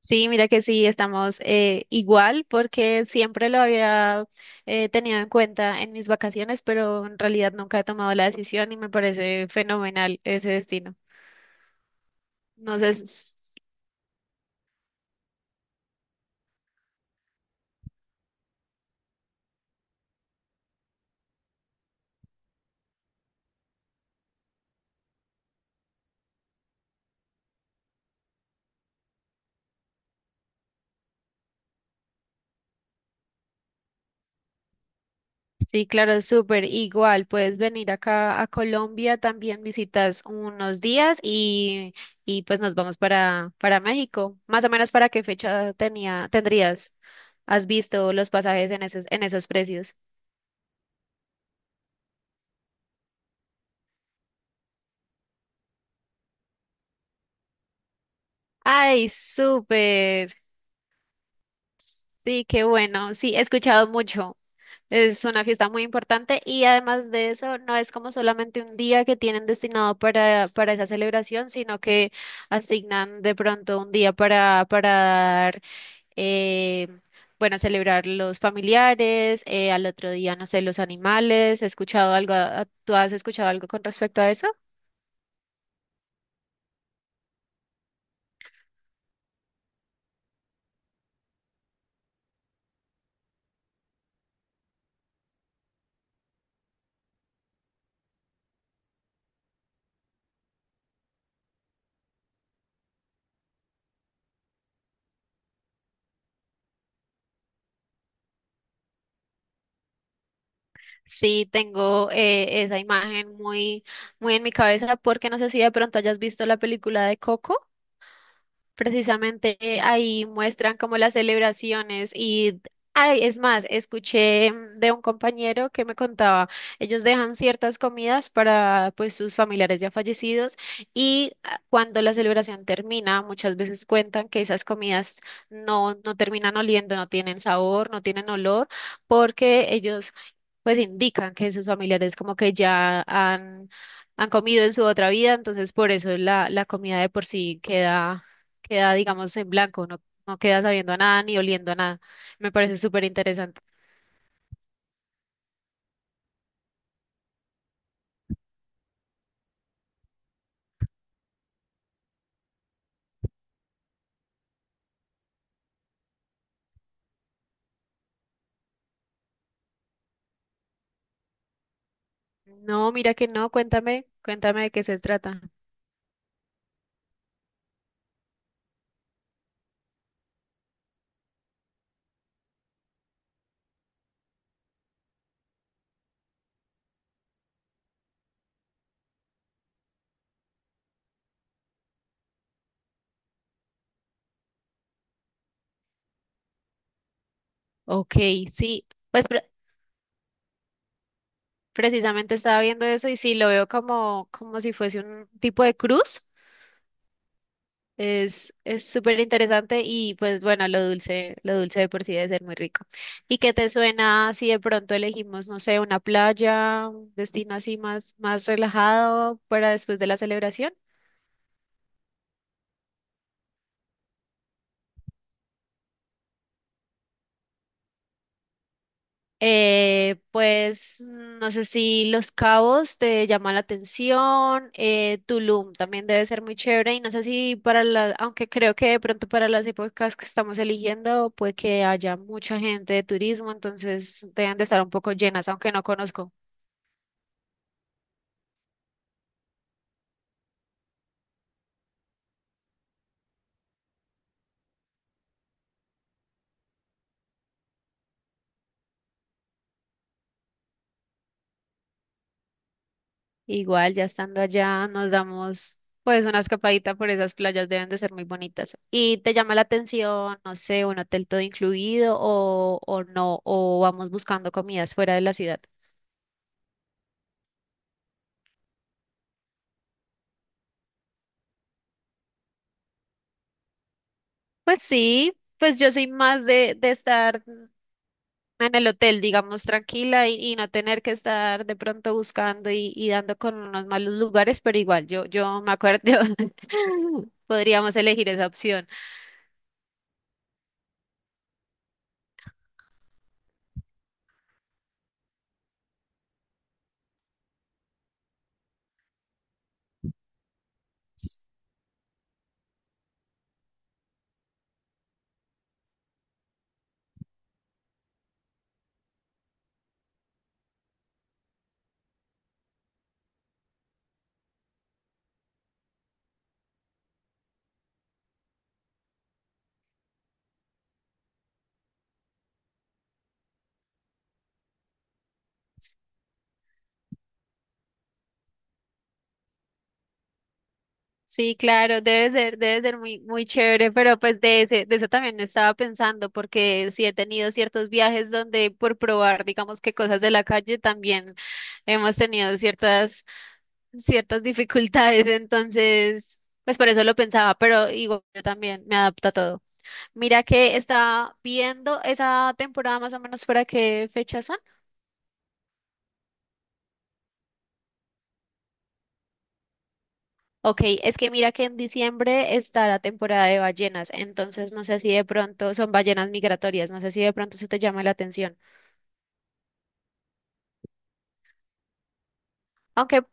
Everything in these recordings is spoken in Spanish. Sí, mira que sí, estamos igual porque siempre lo había tenido en cuenta en mis vacaciones, pero en realidad nunca he tomado la decisión y me parece fenomenal ese destino. No sé, sí, claro, es súper igual. Puedes venir acá a Colombia, también visitas unos días y pues nos vamos para México. Más o menos para qué fecha tendrías, has visto los pasajes en en esos precios. Ay, súper. Sí, qué bueno. Sí, he escuchado mucho. Es una fiesta muy importante y además de eso, no es como solamente un día que tienen destinado para esa celebración, sino que asignan de pronto un día para dar, eh, bueno, celebrar los familiares, al otro día, no sé, los animales. ¿He escuchado algo? ¿Tú has escuchado algo con respecto a eso? Sí, tengo esa imagen muy en mi cabeza porque no sé si de pronto hayas visto la película de Coco. Precisamente ahí muestran como las celebraciones y, ay, es más, escuché de un compañero que me contaba, ellos dejan ciertas comidas para pues sus familiares ya fallecidos y ah, cuando la celebración termina, muchas veces cuentan que esas comidas no terminan oliendo, no tienen sabor, no tienen olor, porque ellos pues indican que sus familiares como que ya han comido en su otra vida, entonces por eso la comida de por sí queda, digamos, en blanco, no queda sabiendo a nada ni oliendo a nada. Me parece súper interesante. No, mira que no, cuéntame, cuéntame de qué se trata. Ok, sí, pues precisamente estaba viendo eso y sí, lo veo como, como si fuese un tipo de cruz. Es súper interesante y pues bueno, lo dulce de por sí debe ser muy rico. ¿Y qué te suena si de pronto elegimos, no sé, una playa, un destino así más, más relajado para después de la celebración? Pues mm, no sé si Los Cabos te llama la atención, Tulum también debe ser muy chévere y no sé si para la, aunque creo que de pronto para las épocas que estamos eligiendo puede que haya mucha gente de turismo, entonces deben de estar un poco llenas, aunque no conozco. Igual, ya estando allá, nos damos pues una escapadita por esas playas, deben de ser muy bonitas. ¿Y te llama la atención, no sé, un hotel todo incluido o no, o vamos buscando comidas fuera de la ciudad? Pues sí, pues yo soy más de estar en el hotel, digamos, tranquila y no tener que estar de pronto buscando y dando con unos malos lugares, pero igual, yo me acuerdo, podríamos elegir esa opción. Sí, claro, debe ser muy, muy chévere, pero pues de eso también estaba pensando, porque sí he tenido ciertos viajes donde por probar, digamos que cosas de la calle también hemos tenido ciertas dificultades, entonces, pues por eso lo pensaba, pero igual yo también me adapto a todo. Mira que está viendo esa temporada más o menos para qué fecha son. Ok, es que mira que en diciembre está la temporada de ballenas, entonces no sé si de pronto son ballenas migratorias, no sé si de pronto se te llama la atención. Aunque,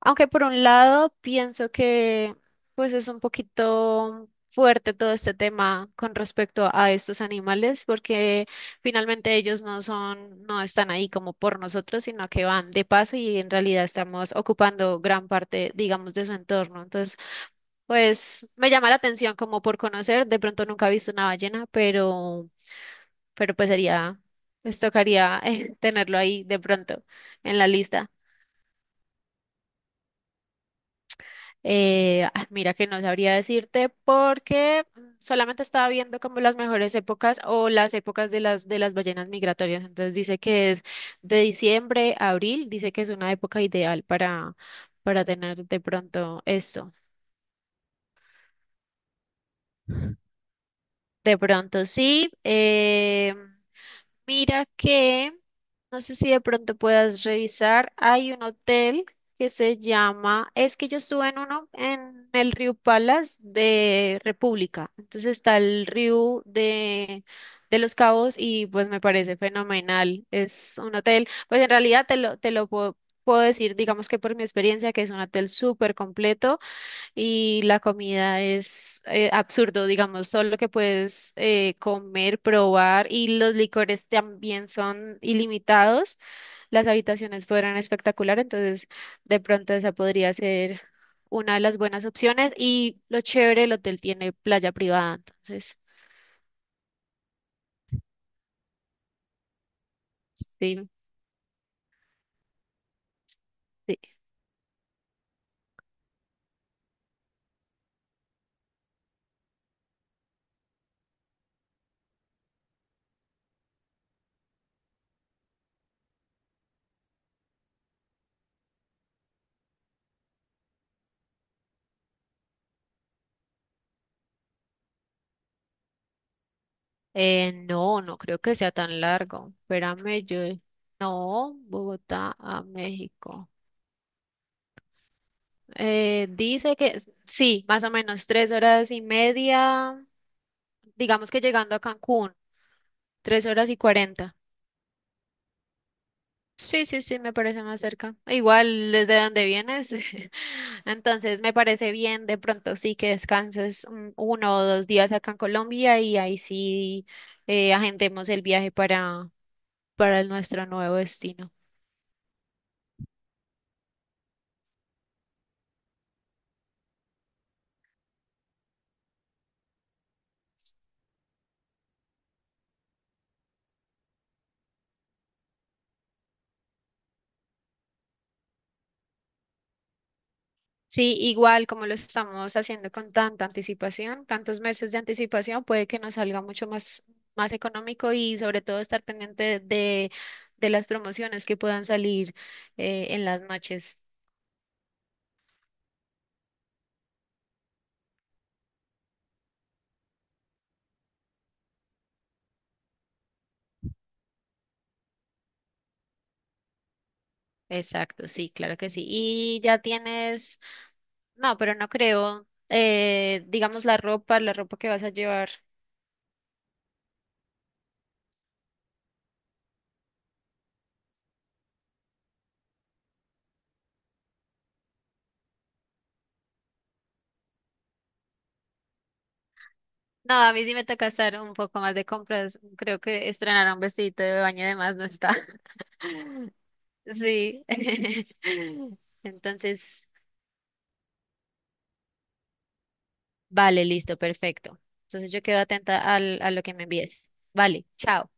Aunque por un lado pienso que pues es un poquito fuerte todo este tema con respecto a estos animales, porque finalmente ellos no son, no están ahí como por nosotros, sino que van de paso y en realidad estamos ocupando gran parte, digamos, de su entorno. Entonces pues me llama la atención como por conocer, de pronto nunca he visto una ballena, pero pues sería, pues tocaría tenerlo ahí de pronto en la lista. Ah, mira que no sabría decirte porque mm, solamente estaba viendo como las mejores épocas o las épocas de de las ballenas migratorias. Entonces dice que es de diciembre a abril, dice que es una época ideal para tener de pronto esto. De pronto sí. Mira que... No sé si de pronto puedas revisar. Hay un hotel que se llama, es que yo estuve en uno en el Río Palas de República. Entonces está el río de Los Cabos y pues me parece fenomenal. Es un hotel, pues en realidad puedo decir, digamos que por mi experiencia, que es un hotel súper completo y la comida es absurdo, digamos, solo que puedes comer, probar y los licores también son ilimitados. Las habitaciones fueran espectacular, entonces de pronto esa podría ser una de las buenas opciones y lo chévere, el hotel tiene playa privada, entonces sí. Sí. No, no creo que sea tan largo. Espérame, yo... No, Bogotá a México. Dice que sí, más o menos 3 horas y media, digamos que llegando a Cancún, 3 horas y cuarenta. Sí, sí, sí, me parece más cerca. Igual desde donde vienes. Entonces me parece bien de pronto sí que descanses uno o 2 días acá en Colombia y ahí sí agendemos el viaje para nuestro nuevo destino. Sí, igual como lo estamos haciendo con tanta anticipación, tantos meses de anticipación, puede que nos salga mucho más, más económico y sobre todo estar pendiente de las promociones que puedan salir en las noches. Exacto, sí, claro que sí. Y ya tienes, no, pero no creo, digamos la ropa que vas a llevar. No, a mí sí me toca hacer un poco más de compras. Creo que estrenar un vestidito de baño de más no está. Sí. Entonces, vale, listo, perfecto. Entonces yo quedo atenta al, a lo que me envíes. Vale, chao.